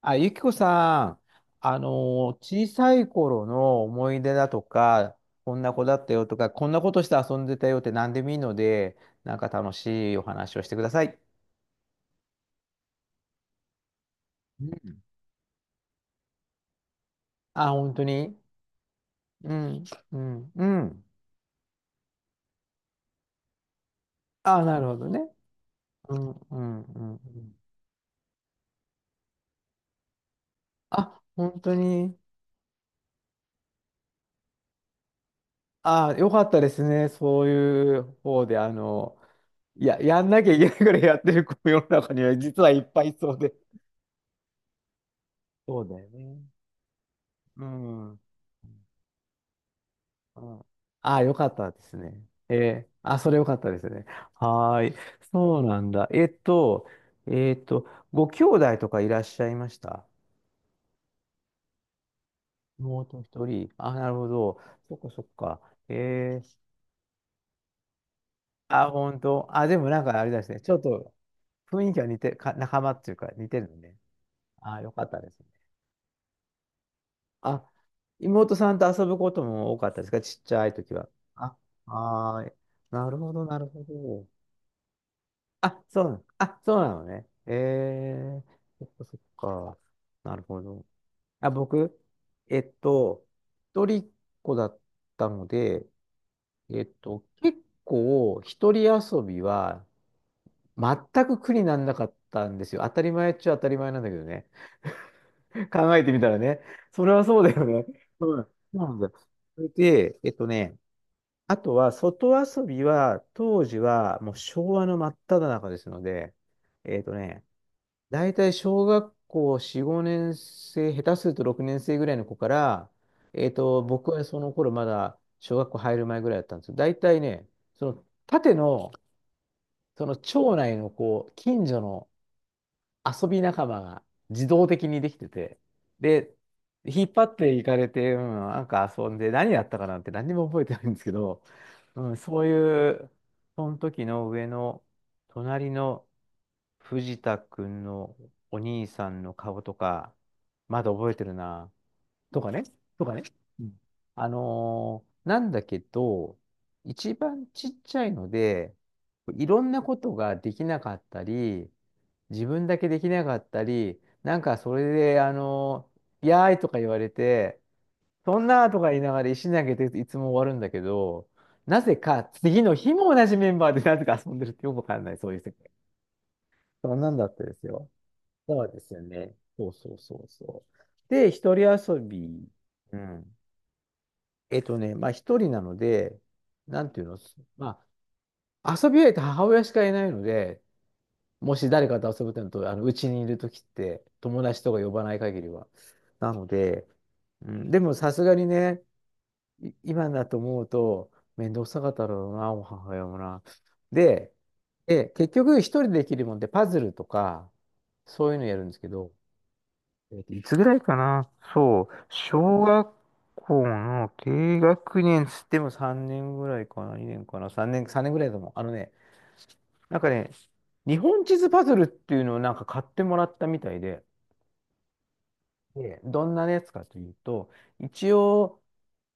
あ、ゆきこさん、あのー小さい頃の思い出だとか、こんな子だったよとか、こんなことして遊んでたよって何でもいいので、なんか楽しいお話をしてください。うん。あ、本当に。うん、うん、うん。あ、なるほどね。うん、うん、うん。うん。あ、本当に。あ、よかったですね。そういう方で、いや、やんなきゃいけないからやってる子も世の中には実はいっぱいいそうで。そうだよね。うん。うん。ああ、よかったですね。あ、それよかったですね。はーい。そうなんだ。えっと、ご兄弟とかいらっしゃいました？妹一人。あ、なるほど。そっかそっか。えー、あ、本当。あ、でもなんかあれですね。ちょっと雰囲気は似て、か、仲間っていうか似てるのね。あ、よかったですね。あ、妹さんと遊ぶことも多かったですか？ちっちゃい時は。あ、はーい。なるほど、なるほど。あ、そうなの、あ、そうなのね。ええ。そっかそっか。なるほど。あ、僕、えっと、一人っ子だったので、結構、一人遊びは全く苦にならなかったんですよ。当たり前っちゃ当たり前なんだけどね。考えてみたらね。それはそうだよね。うん。そうなんだ。それで、あとは、外遊びは、当時は、もう昭和の真っ只中ですので、えっとね、大体小学校4、5年生、下手すると6年生ぐらいの子から、僕はその頃まだ小学校入る前ぐらいだったんですけど、大体ね、その縦の、その町内のこう、近所の遊び仲間が自動的にできてて、で、引っ張っていかれて、うん、なんか遊んで、何やったかなんて何にも覚えてないんですけど、うん、そういう、その時の上の、隣の、藤田くんのお兄さんの顔とか、まだ覚えてるな。とかね。とかね。うん。なんだけど、一番ちっちゃいので、いろんなことができなかったり、自分だけできなかったり、なんかそれで、やーいとか言われて、そんなーとか言いながら石投げていつも終わるんだけど、なぜか次の日も同じメンバーでなぜか遊んでるってよくわかんない、そういう世界。そんなんだったですよ。そうですよね。そうそうそうそう。で、一人遊び。うん。まあ一人なので、なんていうの、まあ遊び相手母親しかいないので、もし誰かと遊ぶってのと、うちにいるときって、友達とか呼ばない限りは。なので、うん、でもさすがにね、い今だと思うと、面倒くさかったろうな、お母親もな。で、結局一人でできるもんで、パズルとか、そういうのやるんですけど、いつぐらいかな？そう。小学校の低学年つっても3年ぐらいかな？ 2 年かな？ 3 年、3年ぐらいだと思う。あのね、なんかね、日本地図パズルっていうのをなんか買ってもらったみたいで、で、どんなやつかというと、一応、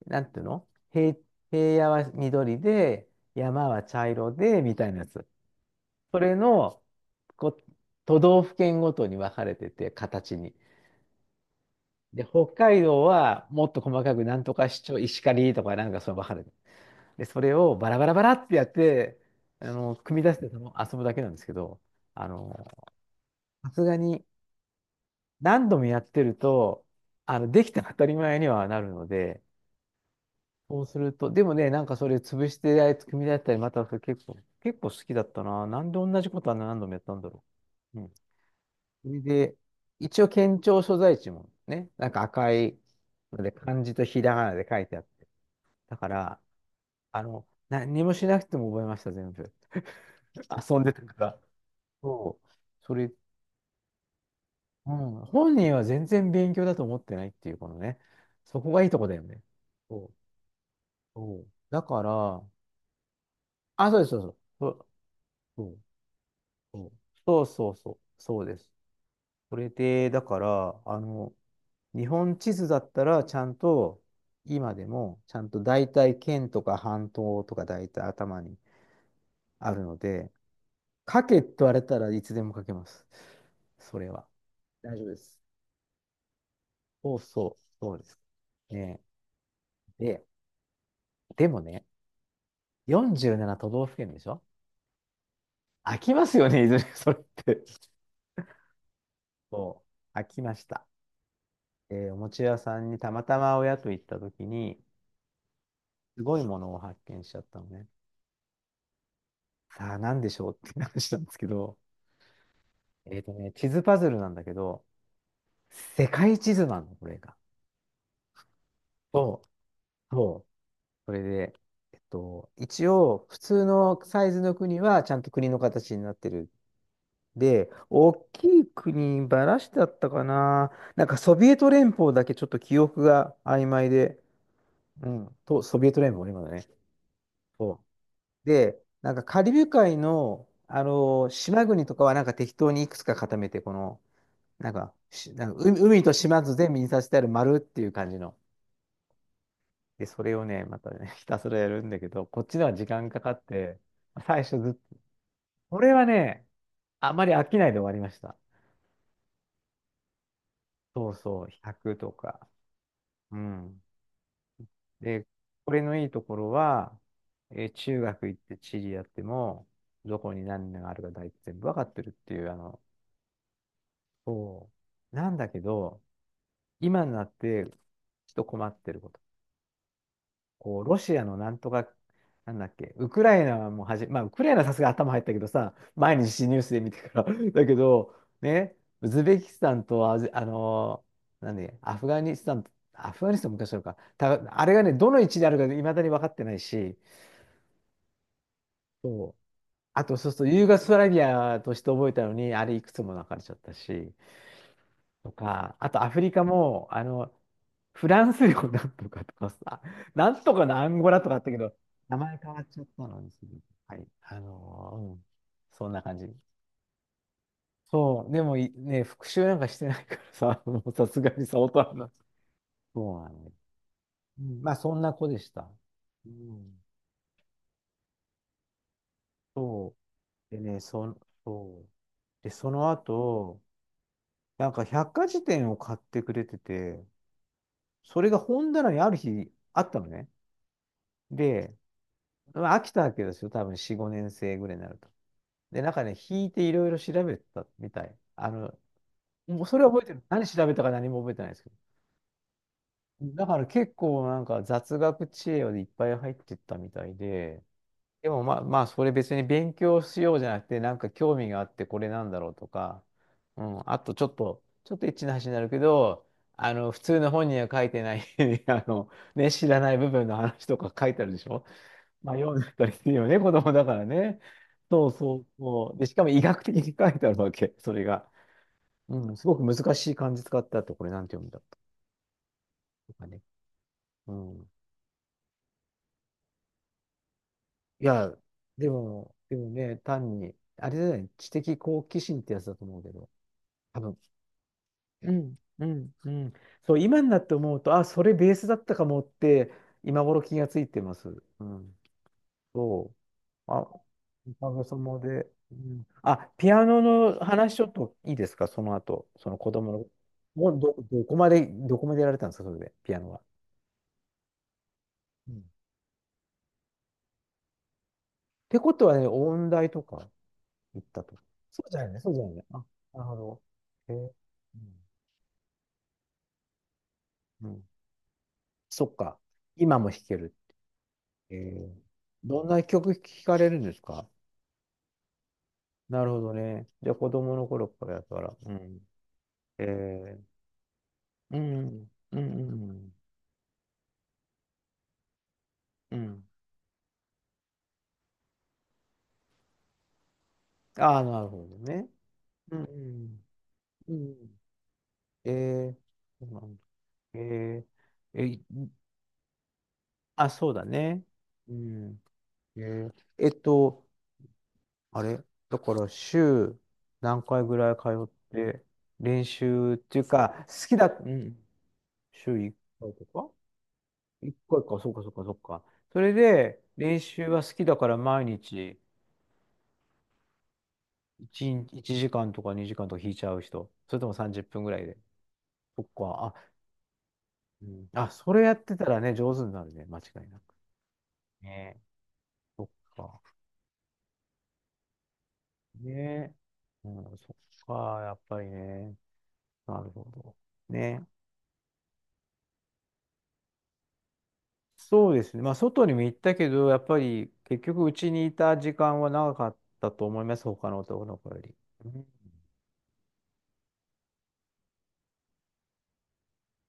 なんていうの、平、平野は緑で、山は茶色で、みたいなやつ。それの、こう、都道府県ごとに分かれてて、形に。で、北海道はもっと細かく、なんとか市長、石狩とかなんかそう分かる。で、それをバラバラバラってやって、組み出してその遊ぶだけなんですけど、あの、さすがに何度もやってると、できた当たり前にはなるので、そうすると、でもね、なんかそれ潰してあいつ組み出したり、またそれ結構、結構好きだったな。なんで同じことは何度もやったんだろう。うん。それで、一応県庁所在地もね、なんか赤いので、漢字とひらがなで書いてあって、だから、何もしなくても覚えました、全部。遊んでたから。そう。それ、うん。本人は全然勉強だと思ってないっていう、このね。そこがいいとこだよね。そう。そう。だから、あ、そうです、そうそう。そうそうそうそうそう。そうです。それで、だから、日本地図だったら、ちゃんと、今でも、ちゃんと大体県とか半島とか大体頭にあるので、書けって言われたらいつでも書けます。それは。大丈夫です。そうそう、そうです。ね。で、でもね、47都道府県でしょ？飽きますよね、いずれ それって。そう、飽きました。お餅屋さんにたまたま親と行った時に、すごいものを発見しちゃったのね。さあ、なんでしょうって話なんですけど、地図パズルなんだけど、世界地図なの、これが。そう、そそれで、一応、普通のサイズの国はちゃんと国の形になってる。で、大きい国、バラシだったかな。なんかソビエト連邦だけちょっと記憶が曖昧で、うん、と、ソビエト連邦ね、今だね。そうで、なんかカリブ海の、島国とかはなんか適当にいくつか固めて、この、なんか、しなんか海海と島津全部にさせてある丸っていう感じの。で、それをね、またね、ひたすらやるんだけど、こっちでは時間かかって、最初ずっと、これはね、あまり飽きないで終わりました。そうそう、1 0とか。うん。で、これのいいところは、中学行って地理やっても、どこに何があるか大体全部わかってるっていう、そう。なんだけど、今になって、ちょっと困ってること。こう、ロシアのなんとか、なんだっけ、ウクライナはもはじ、まあ、ウクライナはさすがに頭入ったけどさ、毎日ニュースで見てから だけど、ね、ウズベキスタンとアジ、なんで、アフガニスタン、アフガニスタン昔あるか、た、あれがね、どの位置にあるかいまだに分かってないし、そう。あと、そうすると、ユーゴスラビアとして覚えたのに、あれいくつも分かれちゃったし、とか、あとアフリカも、フランス領なんとかとかさ、なんとかのアンゴラとかあったけど、名前変わっちゃったのにすぐ。はい。うん。そんな感じ。そう。でもい、ね、復習なんかしてないからさ、もうさすがにさ、大人になっ、そうなのよ。うん、まあ、そんな子でした。うん。そう。でね、その、そう。で、その後、なんか百科事典を買ってくれてて、それが本棚にある日あったのね。で、まあ飽きたわけですよ。多分4、5年生ぐらいになると。で、なんかね、引いていろいろ調べたみたい。もうそれは覚えてる。何調べたか何も覚えてないですけど。だから結構なんか雑学知恵でいっぱい入ってったみたいで、でもまあまあそれ別に勉強しようじゃなくて、なんか興味があってこれなんだろうとか、うん、あとちょっと、ちょっとエッチな話になるけど、普通の本には書いてない ね、知らない部分の話とか書いてあるでしょ？迷うんだったりするよね、子供だからね。そうそうそう。で、しかも医学的に書いてあるわけ、それが。うん、すごく難しい漢字使ってあと、これなんて読むんだ、とかね。うん。いや、でもね、単に、あれだよね、知的好奇心ってやつだと思うけど、多分。うん、うん、うん。そう、今になって思うと、あ、それベースだったかもって、今頃気がついてます。うん。そう。あ、おかげさまで。うん、あ、ピアノの話ちょっといいですか？その後、その子供の。もうどこまでやられたんですか、それで、ピアノは。うん、ってことはね、音大とか行ったと。そうじゃないね、そうじゃないね。あ、なるほど。えー、うん、うん。そっか。今も弾ける？えーどんな曲聴かれるんですか？なるほどね。じゃあ子供の頃からやから。うん。えー、うん、うん、うん、うん。うん。ああ、なるほどね。うん。うん。えー、そうなんだ。えー、えいあ、そうだね。うん。えー、えっと、あれ、だから週何回ぐらい通って、練習っていうか、好きだ、うん、週1回とか？ 1 回かいか、そうか、そうか、そうか。それで、練習は好きだから毎日1、一日一時間とか2時間とか引いちゃう人、それとも30分ぐらいで。そっか、うん。あ、それやってたらね、上手になるね、間違いなく。ね。そっか。ね。うん、そっか、やっぱりね。なるほど。ね。そうですね。まあ、外にも行ったけど、やっぱり結局、うちにいた時間は長かったと思います、他の男の子より。うん。